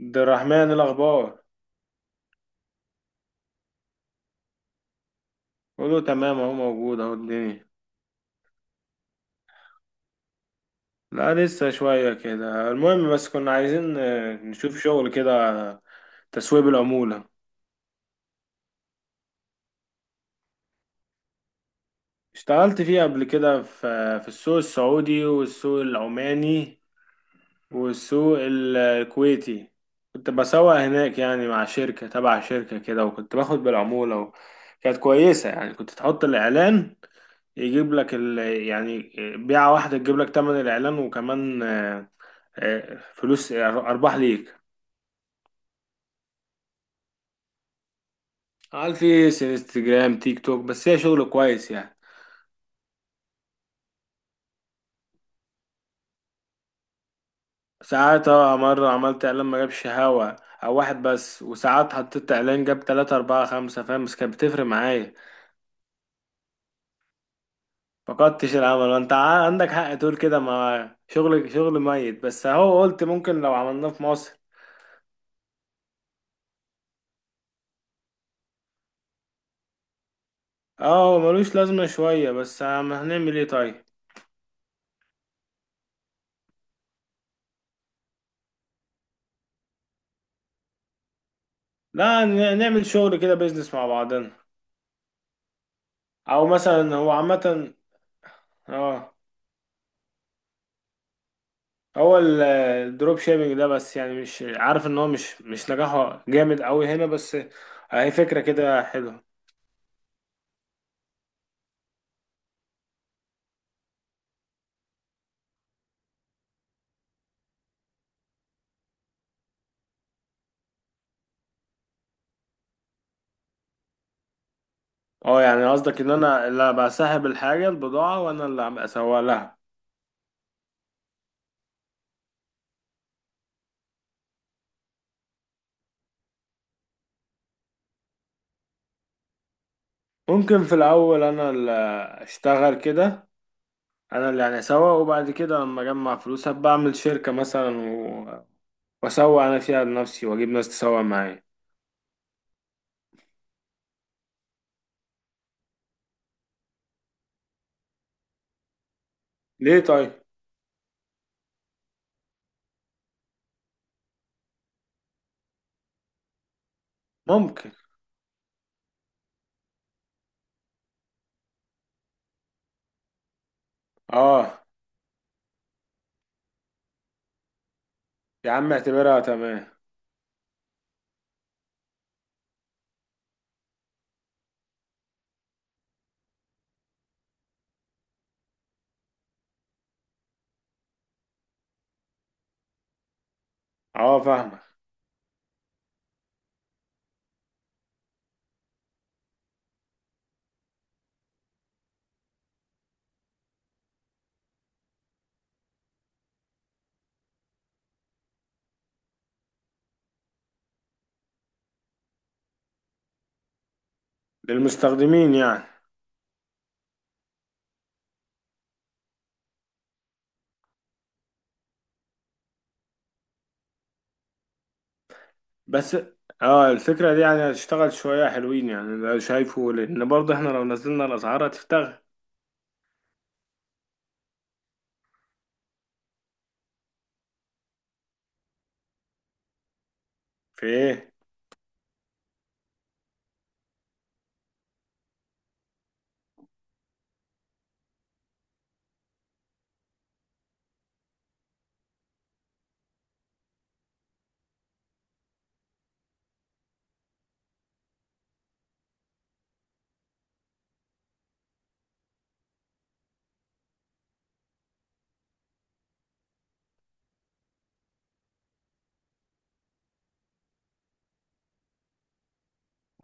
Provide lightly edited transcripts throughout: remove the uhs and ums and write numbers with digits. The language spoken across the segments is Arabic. عبد الرحمن، الأخبار. كله تمام، أهو موجود، أهو الدنيا. لا لسه شوية كده، المهم. بس كنا عايزين نشوف شغل كده على تسويب العمولة. اشتغلت فيه قبل كده في السوق السعودي والسوق العماني والسوق الكويتي. كنت بسوق هناك يعني، مع شركة تبع شركة كده، وكنت باخد بالعمولة كانت كويسة يعني. كنت تحط الإعلان، يعني بيعة واحدة تجيب لك تمن الإعلان، وكمان فلوس، أرباح ليك. على الفيس، انستجرام، تيك توك، بس هي شغل كويس يعني. ساعات مرة عملت إعلان ما جابش هوا أو واحد بس، وساعات حطيت إعلان جاب تلاتة أربعة خمسة، فاهم؟ بس كانت بتفرق معايا. فقدتش الامل، وانت عندك حق تقول كده، ما شغل شغل ميت، بس اهو قلت ممكن لو عملناه في مصر. اه ملوش لازمة شوية، بس هنعمل ايه طيب؟ لا نعمل شغل كده، بيزنس مع بعضنا. او مثلا هو عامة. اه، هو الدروب شيبينج ده، بس يعني مش عارف، ان هو مش نجاحه جامد قوي هنا، بس هي فكرة كده حلوة. اه يعني قصدك ان انا اللي بسحب الحاجة، البضاعة، وانا اللي هبقى اسوق لها. ممكن في الأول أنا اللي أشتغل كده، أنا اللي يعني أسوق، وبعد كده لما أجمع فلوس هبقى أعمل شركة مثلا، وأسوق أنا فيها لنفسي، وأجيب ناس تسوق معايا. ليه طيب؟ ممكن. آه يا عم اعتبرها تمام. فاهمك. للمستخدمين يعني. بس الفكرة دي يعني هتشتغل شوية حلوين يعني، ده شايفه، لأن برضه إحنا لو نزلنا الأسعار هتفتغ. في إيه؟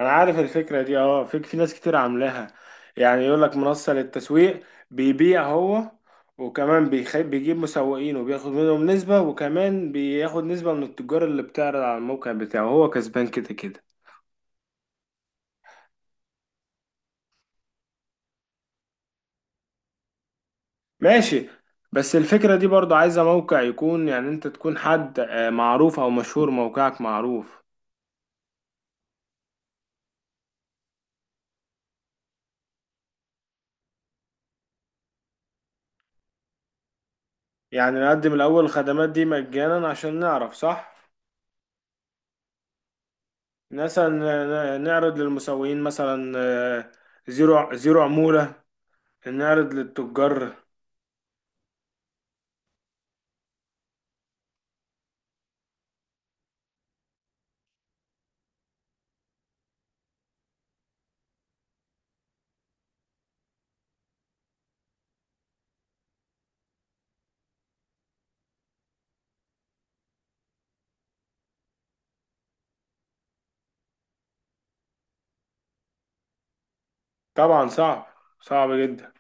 انا عارف الفكره دي اه، في ناس كتير عاملاها. يعني يقول لك منصه للتسويق، بيبيع هو وكمان بيجيب مسوقين وبياخد منهم نسبه، وكمان بياخد نسبه من التجار اللي بتعرض على الموقع بتاعه. هو كسبان كده كده. ماشي. بس الفكره دي برضو عايزه موقع يكون، يعني انت تكون حد معروف او مشهور، موقعك معروف. يعني نقدم الاول الخدمات دي مجانا عشان نعرف صح؟ مثلا نعرض للمسوقين، مثلا آه، زيرو زيرو عموله، نعرض للتجار. طبعا صعب، صعب جدا.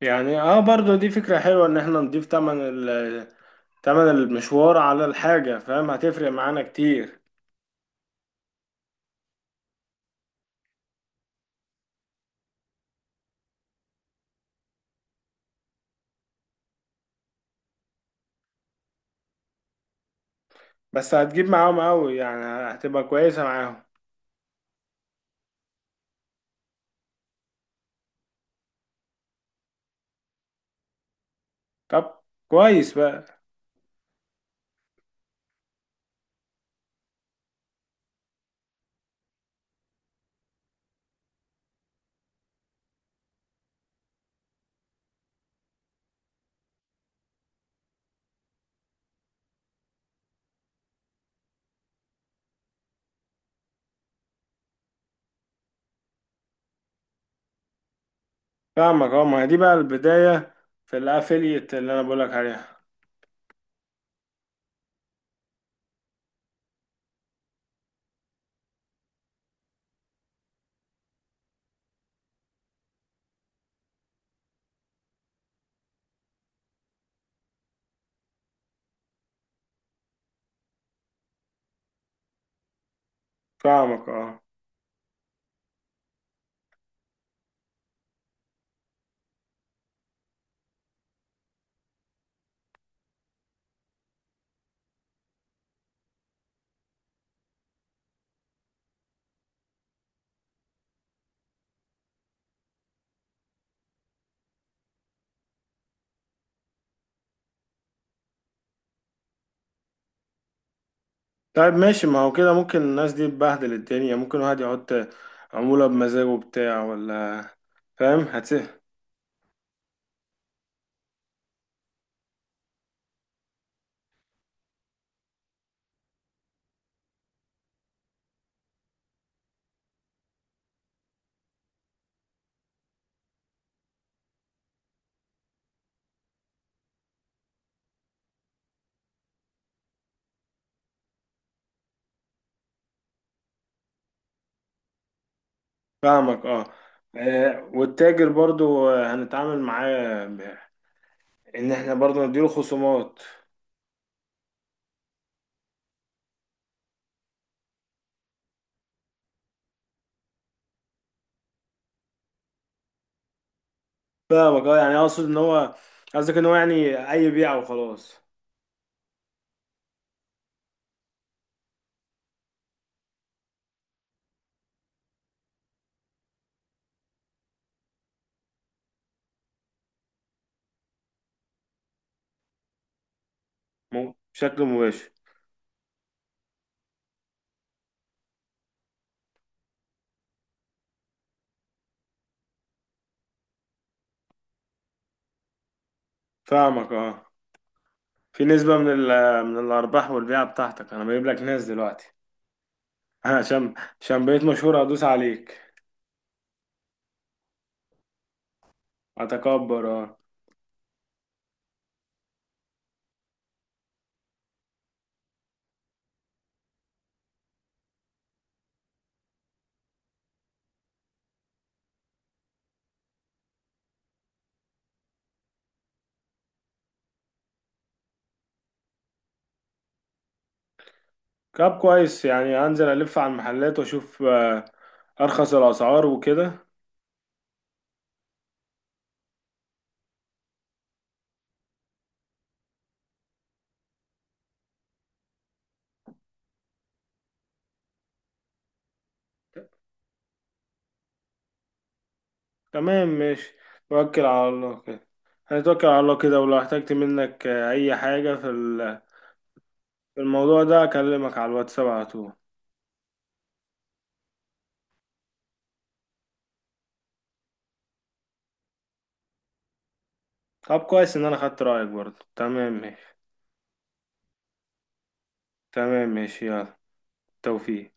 يعني اه برضو دي فكرة حلوة، ان احنا نضيف تمن المشوار على الحاجة، فاهم؟ هتفرق معانا كتير. بس هتجيب معاهم قوي يعني، هتبقى كويسة معاهم. طب كويس بقى. فاهمك اه، ما هي دي بقى البداية في الافيليت اللي انا بقولك عليها. فاهمك اه. طيب ماشي، ما هو كده ممكن الناس دي تبهدل الدنيا، ممكن واحد يحط عمولة بمزاجه بتاع ولا؟ فاهم هتسه. فاهمك اه. والتاجر برضو هنتعامل معاه ان احنا برضو نديله خصومات. فاهمك اه، يعني اقصد ان هو، قصدك ان هو يعني اي بيعه وخلاص. بشكل مباشر. فاهمك اه، في نسبة من الارباح والبيعة بتاعتك، انا بجيب لك ناس دلوقتي. عشان عشان بقيت مشهور ادوس عليك. اتكبر اه. طب كويس، يعني هنزل الف على المحلات واشوف ارخص الاسعار وكده. تمام ماشي، توكل على الله كده. هنتوكل على الله كده، ولو احتجت منك اي حاجة في الموضوع ده اكلمك على الواتساب على طول. طب كويس ان انا خدت رأيك برضه. تمام ماشي. تمام ماشي يلا. توفيق.